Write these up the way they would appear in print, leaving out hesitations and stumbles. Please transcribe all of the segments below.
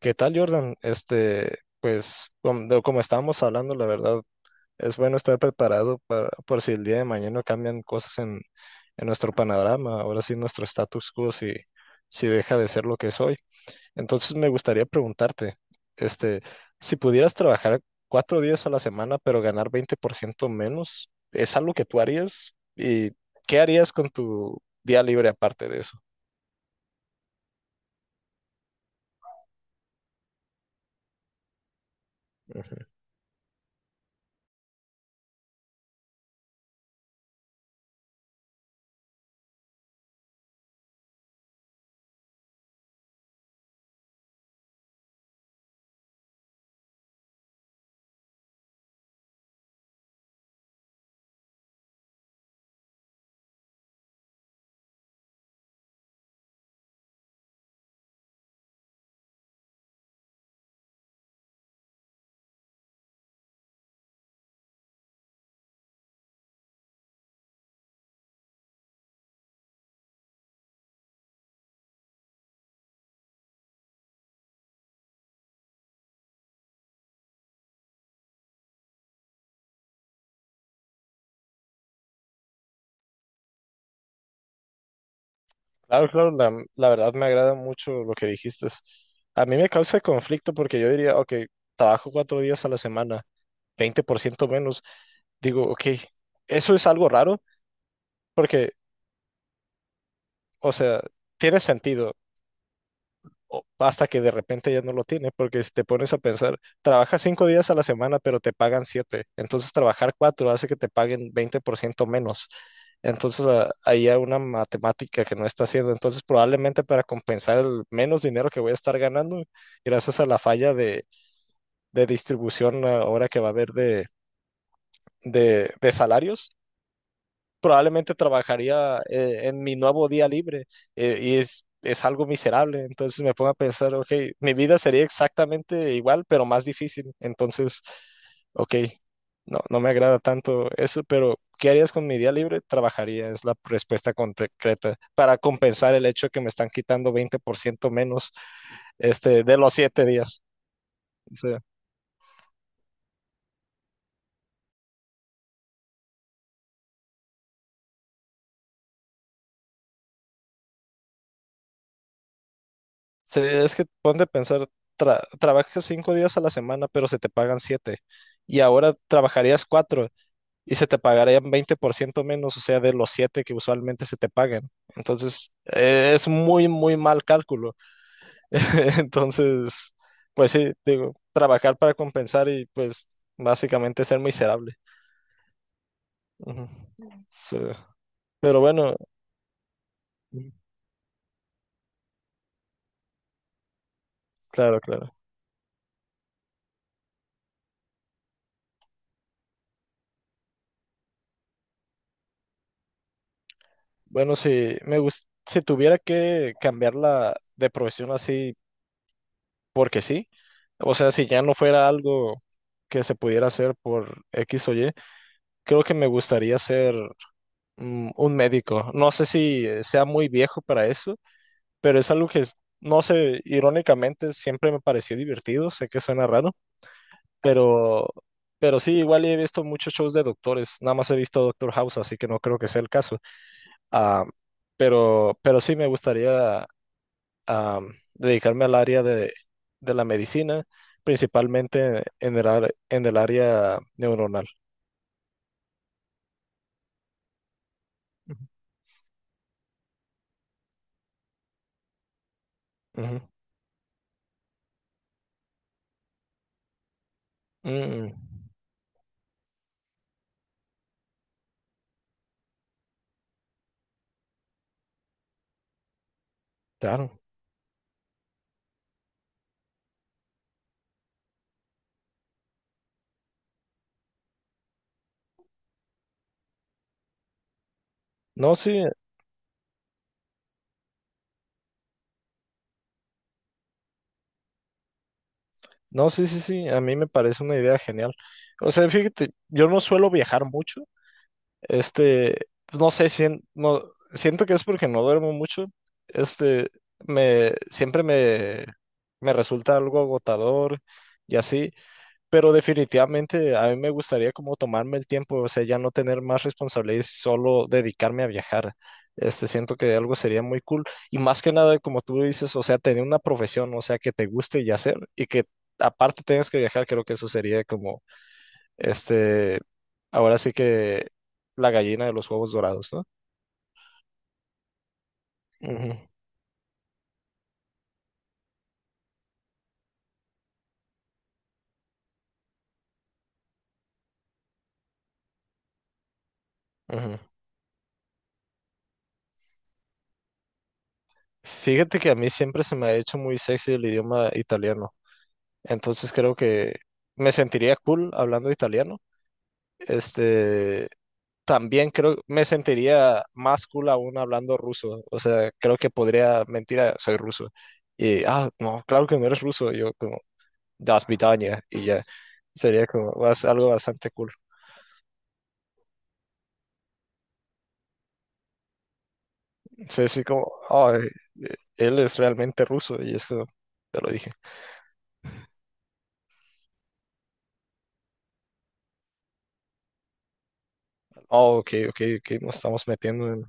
¿Qué tal, Jordan? Pues, como, estábamos hablando, la verdad, es bueno estar preparado, para, por si el día de mañana cambian cosas en nuestro panorama, ahora sí, nuestro status quo, si deja de ser lo que es hoy. Entonces, me gustaría preguntarte, este, si pudieras trabajar 4 días a la semana, pero ganar 20% menos, ¿es algo que tú harías? ¿Y qué harías con tu día libre aparte de eso? Claro, claro, la verdad me agrada mucho lo que dijiste. A mí me causa conflicto porque yo diría, ok, trabajo 4 días a la semana, 20% menos. Digo, ok, eso es algo raro porque, o sea, tiene sentido. Hasta que de repente ya no lo tiene, porque si te pones a pensar, trabajas 5 días a la semana, pero te pagan siete, entonces trabajar cuatro hace que te paguen 20% menos. Entonces, ahí hay una matemática que no está haciendo. Entonces, probablemente para compensar el menos dinero que voy a estar ganando, gracias a la falla de, distribución, ahora que va a haber de salarios, probablemente trabajaría en mi nuevo día libre, y es algo miserable. Entonces me pongo a pensar, ok, mi vida sería exactamente igual, pero más difícil. Entonces, ok, no, no me agrada tanto eso, pero ¿qué harías con mi día libre? Trabajaría, es la respuesta concreta para compensar el hecho que me están quitando 20% menos, de los 7 días. Sí, es que ponte a pensar, trabajas 5 días a la semana, pero se te pagan siete. Y ahora trabajarías cuatro y se te pagarían 20% menos, o sea, de los siete que usualmente se te pagan. Entonces, es muy, muy mal cálculo. Entonces, pues sí, digo, trabajar para compensar y pues básicamente ser miserable. Ujú. Sí. Pero bueno, claro, claro. Bueno, si tuviera que cambiarla de profesión así porque sí. O sea, si ya no fuera algo que se pudiera hacer por X o Y, creo que me gustaría ser un médico. No sé si sea muy viejo para eso, pero es algo que, no sé, irónicamente siempre me pareció divertido. Sé que suena raro, pero, sí, igual he visto muchos shows de doctores. Nada más he visto Doctor House, así que no creo que sea el caso. Ah, pero, sí me gustaría a dedicarme al área de, la medicina, principalmente en el área neuronal. Ujú. Mm, claro. No, sí, no, sí, sí, sí, a mí me parece una idea genial. O sea, fíjate, yo no suelo viajar mucho, este, pues, no sé, si no, siento que es porque no duermo mucho, este, siempre me resulta algo agotador y así. Pero definitivamente a mí me gustaría como tomarme el tiempo, o sea, ya no tener más responsabilidades, solo dedicarme a viajar. Siento que algo sería muy cool. Y más que nada, como tú dices, o sea, tener una profesión o sea, que te guste y hacer, y que aparte tengas que viajar, creo que eso sería como, este, ahora sí que, la gallina de los huevos dorados, ¿no? Ujú, ujú. Fíjate que a mí siempre se me ha hecho muy sexy el idioma italiano, entonces creo que me sentiría cool hablando italiano. Este, también creo me sentiría más cool aún hablando ruso. O sea, creo que podría mentir, soy ruso. Y, no, claro que no eres ruso. Yo como, das Vidania, y ya. Sería como algo bastante cool. Sí, sí, como, oh, él es realmente ruso y eso, te lo dije. Oh, ok, ok, ok, nos estamos metiendo en. O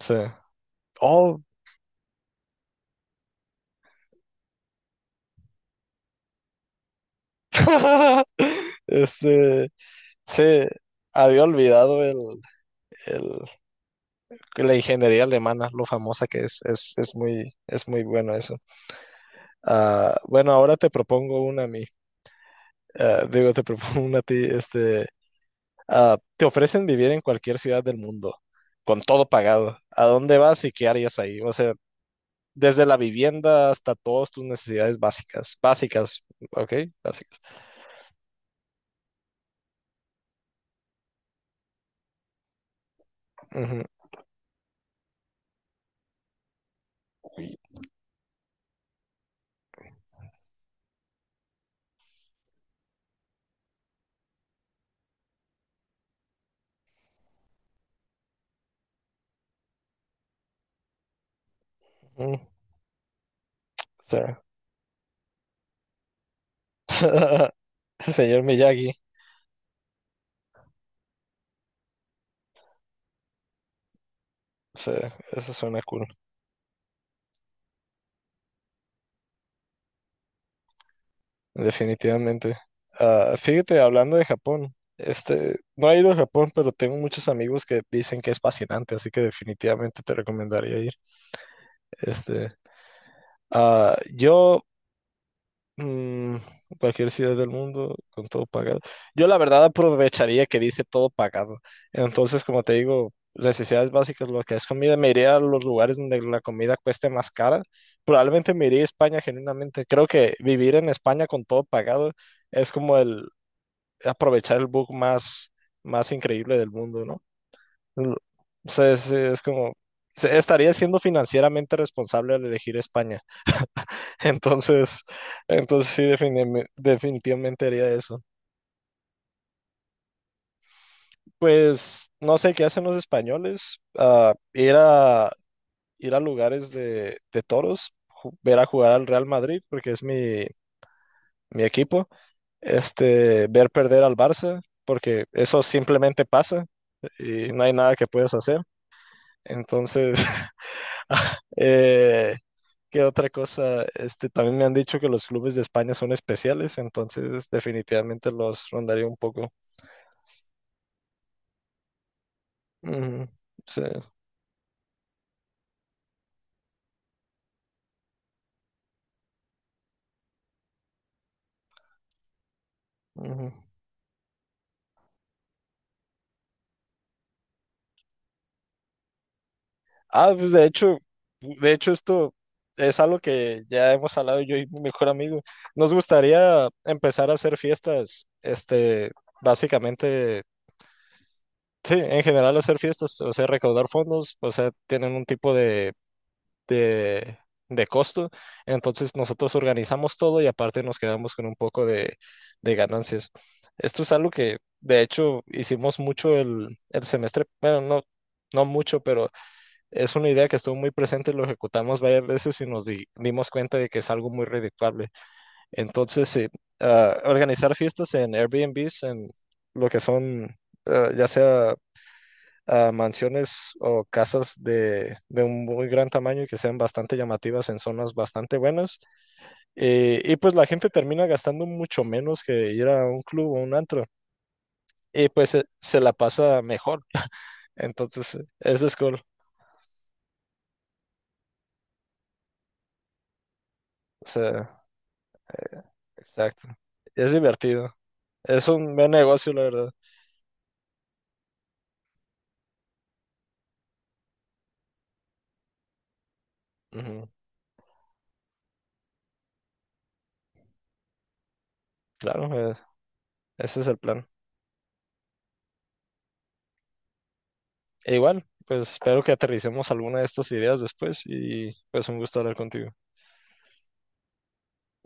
sea, oh, este, sí, había olvidado el, que la ingeniería alemana, lo famosa que es, es muy bueno eso. Bueno, ahora te propongo una a mí. Digo, te propongo una a ti. Te ofrecen vivir en cualquier ciudad del mundo, con todo pagado. ¿A dónde vas y qué harías ahí? O sea, desde la vivienda hasta todas tus necesidades básicas. Básicas, ¿ok? Básicas. Ujú, ujú, o, Señor Miyagi, sí, eso suena cool. Definitivamente. Fíjate, hablando de Japón, no he ido a Japón, pero tengo muchos amigos que dicen que es fascinante, así que definitivamente te recomendaría ir. Este, ah, yo, mm, cualquier ciudad del mundo con todo pagado. Yo la verdad aprovecharía que dice todo pagado. Entonces, como te digo, necesidades básicas, lo que es comida, me iría a los lugares donde la comida cueste más cara. Probablemente me iría a España, genuinamente. Creo que vivir en España con todo pagado es como el aprovechar el bug más, más increíble del mundo, ¿no? Lo- o sea, es como, estaría siendo financieramente responsable al elegir España. Entonces, entonces, sí, definitivamente haría eso. Pues no sé qué hacen los españoles. Ir a lugares de toros, ver a jugar al Real Madrid, porque es mi equipo. Ver perder al Barça, porque eso simplemente pasa y no hay nada que puedas hacer. Entonces, eh, ¿qué otra cosa? También me han dicho que los clubes de España son especiales, entonces definitivamente los rondaré un poco. Ujú, sí, ujú. Pues, de hecho, esto es algo que ya hemos hablado yo y mi mejor amigo. Nos gustaría empezar a hacer fiestas, básicamente, sí, en general hacer fiestas, o sea, recaudar fondos, o sea, tienen un tipo de, de costo. Entonces, nosotros organizamos todo y aparte nos quedamos con un poco de ganancias. Esto es algo que de hecho hicimos mucho el semestre, bueno, no, no mucho, pero es una idea que estuvo muy presente, lo ejecutamos varias veces y nos dimos cuenta de que es algo muy redituable. Entonces, sí, organizar fiestas en Airbnbs, en lo que son, ya sea a mansiones o casas de un muy gran tamaño y que sean bastante llamativas en zonas bastante buenas. Y pues la gente termina gastando mucho menos que ir a un club o un antro. Y pues se la pasa mejor. Entonces, eso es cool. O sea, exacto. Es divertido. Es un buen negocio, la verdad. Ujú, claro, ese es el plan. E igual, pues espero que aterricemos alguna de estas ideas después y pues, un gusto hablar contigo.